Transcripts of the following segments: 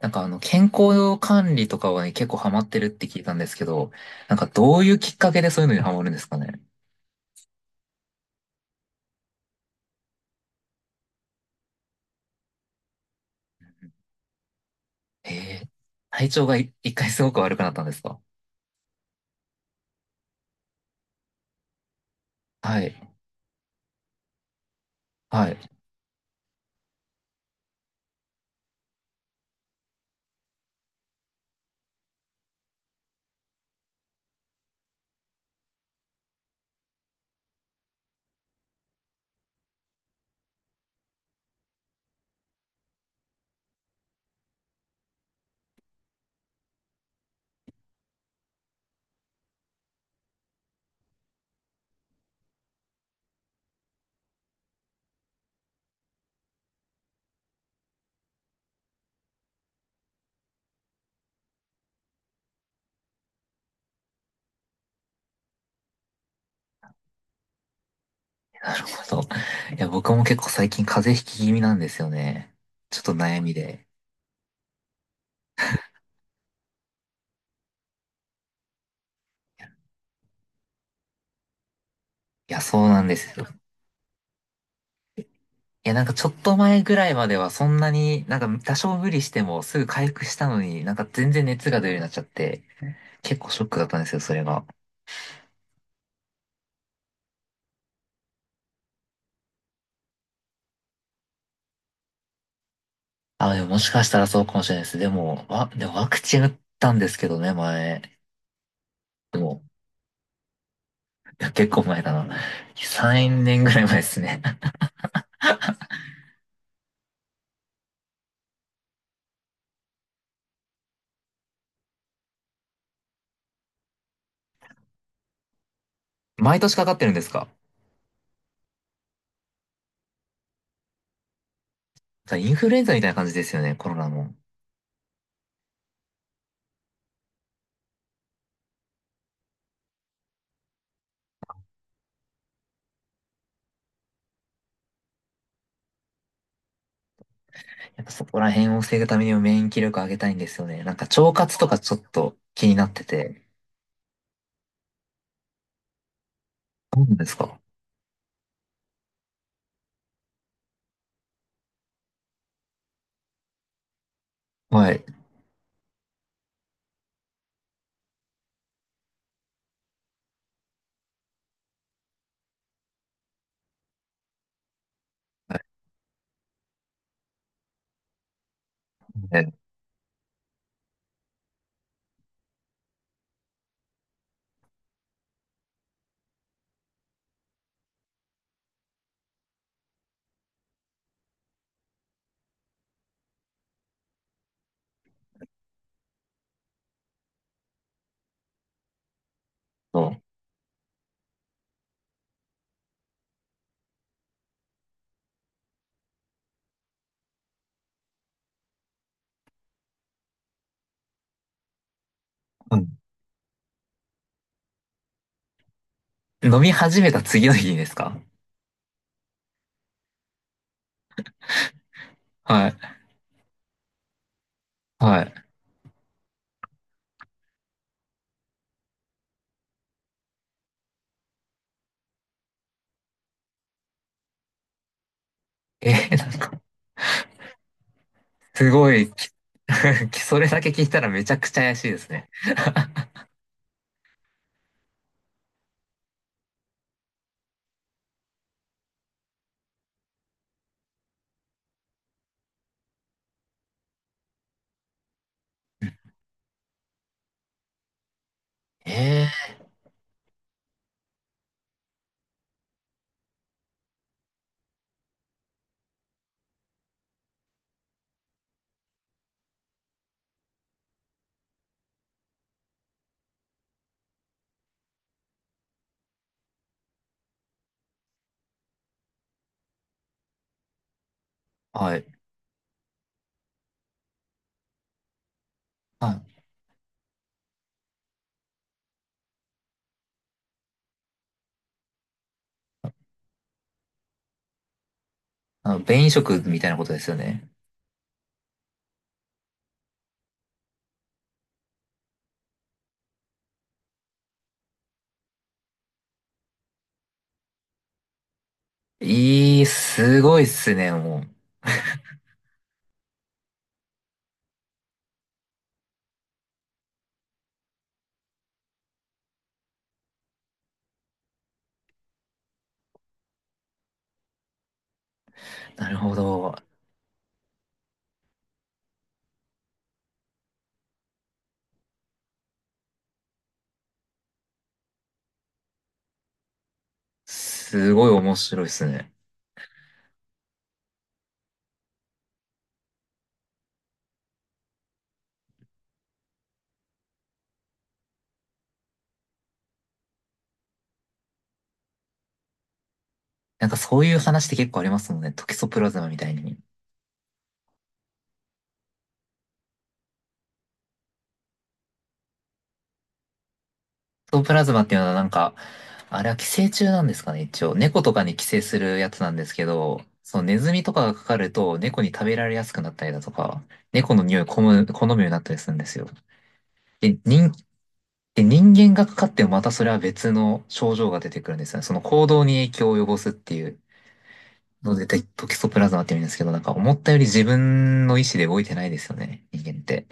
健康管理とかはね、結構ハマってるって聞いたんですけど、なんかどういうきっかけでそういうのにハマるんですかね。へえ、体調が一回すごく悪くなったんですか？はい。はい。なるほど。いや、僕も結構最近風邪ひき気味なんですよね。ちょっと悩みで。いや、そうなんですよ。いや、なんかちょっと前ぐらいまではそんなに、なんか多少無理してもすぐ回復したのに、なんか全然熱が出るようになっちゃって、結構ショックだったんですよ、それが。あ、でももしかしたらそうかもしれないです。でもワクチン打ったんですけどね、前。でも、いや、結構前だな。3年ぐらい前ですね。毎年かかってるんですか？だからインフルエンザみたいな感じですよね、コロナも。やっぱそこら辺を防ぐためにも免疫力上げたいんですよね。なんか腸活とかちょっと気になってて。そうなんですか？はい。はい。えっと、うん。飲み始めた次の日にですか？はい。はい。えーなんか、すごい、それだけ聞いたらめちゃくちゃ怪しいですね。ええ。はい。あ、あの、便移植みたいなことですよね。いい、すごいっすね、もう。なるほど。すごい面白いっすね。なんかそういう話って結構ありますもんね。トキソプラズマみたいに。トキソプラズマっていうのはなんか、あれは寄生虫なんですかね、一応。猫とかに寄生するやつなんですけど、そのネズミとかがかかると猫に食べられやすくなったりだとか、猫の匂いを好むようになったりするんですよ。で、人で、人間がかかってもまたそれは別の症状が出てくるんですよね。その行動に影響を及ぼすっていうので、テトキソプラズマって言うんですけど、なんか思ったより自分の意思で動いてないですよね、人間って。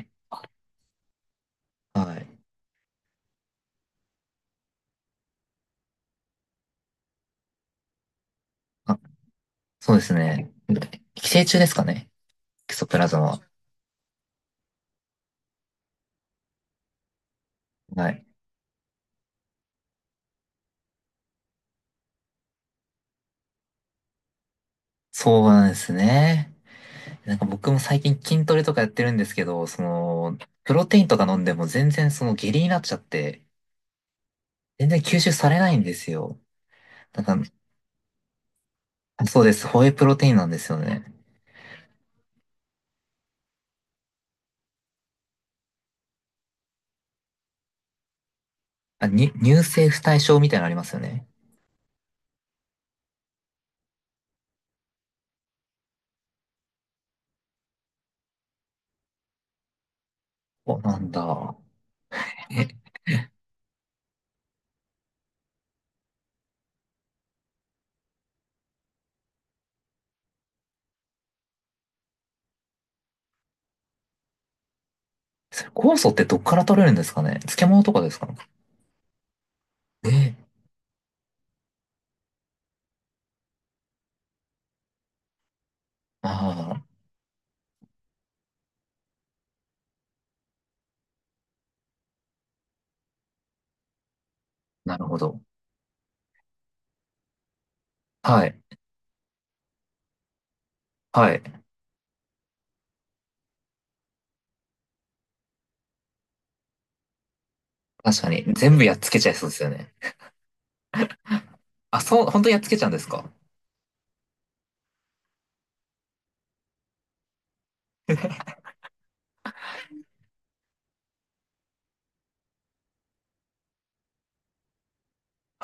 はい。あ、そうですね。寄生虫ですかね、トキソプラズマは。はい。そうなんですね。なんか僕も最近筋トレとかやってるんですけど、その、プロテインとか飲んでも全然その下痢になっちゃって、全然吸収されないんですよ。なんか、そうです。ホエイプロテインなんですよね。乳政不対症みたいなのありますよね。お、なんだ。え、それ酵素ってどっから取れるんですかね？漬物とかですか？ねえ、ああ、なるほど。はい。はい。確かに。全部やっつけちゃいそうですよね。あ、そう、本当にやっつけちゃうんですか？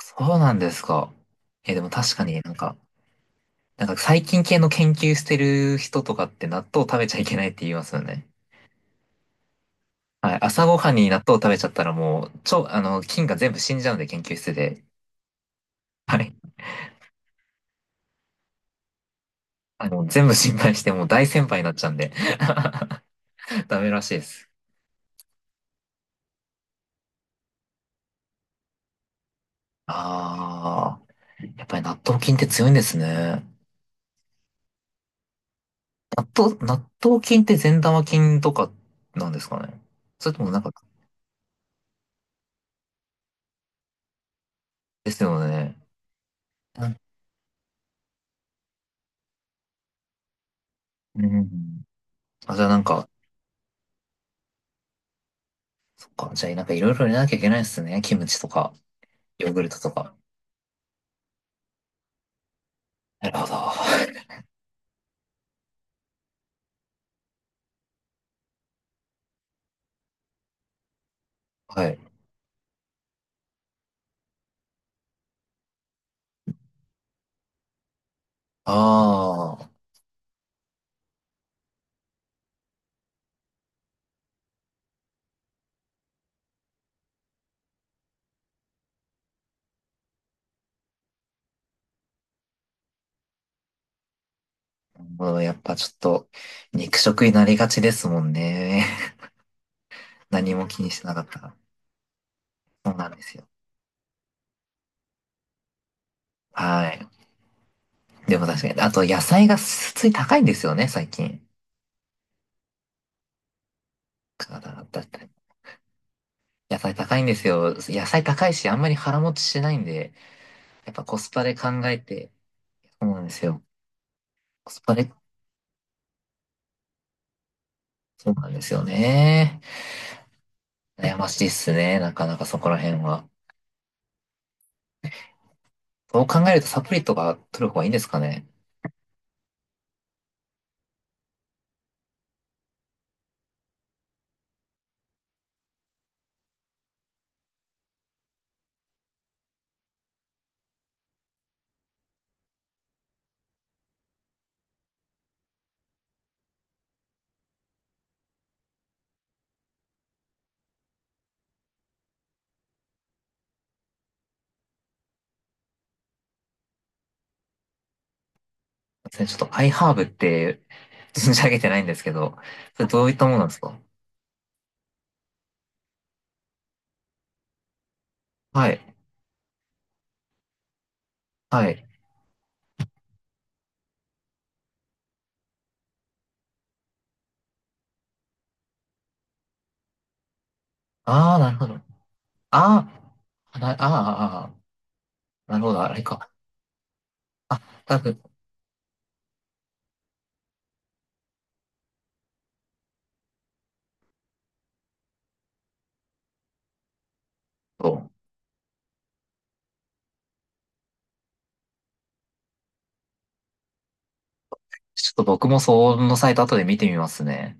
そうなんですか。え、でも確かになんか、なんか細菌系の研究してる人とかって納豆食べちゃいけないって言いますよね。はい。朝ごはんに納豆食べちゃったらもう、超、あの、菌が全部死んじゃうんで研究室で。はい。あの、全部心配してもう大先輩になっちゃうんで ダメらしいです。ああ、やっぱり納豆菌って強いんですね。納豆菌って善玉菌とかなんですかね。それともなんか、ですよね。うん。うん。あ、じゃあなんか、そっか。じゃあなんかいろいろ入れなきゃいけないですね。キムチとか、ヨーグルトとか。なるほど。はい。ああ、もうやっぱちょっと、肉食になりがちですもんね。何も気にしてなかったら。そうなんですよ。はい。でも確かに、あと野菜が普通に高いんですよね、最近。だからだって野菜高いんですよ。野菜高いし、あんまり腹持ちしないんで、やっぱコスパで考えて、そうなんですよ。コスパで、そうなんですよね。悩ましいっすね、なかなかそこら辺は。そう考えるとサプリとか取る方がいいんですかね。すいませんちょっとアイハーブって存じ上げてないんですけど、それどういったものなんですか？はい。はい。ああ、なるほど。ああ、な、あーあー、あーなるほど、あれか。あ、多くそう。ちょっと僕もそのサイト後で見てみますね。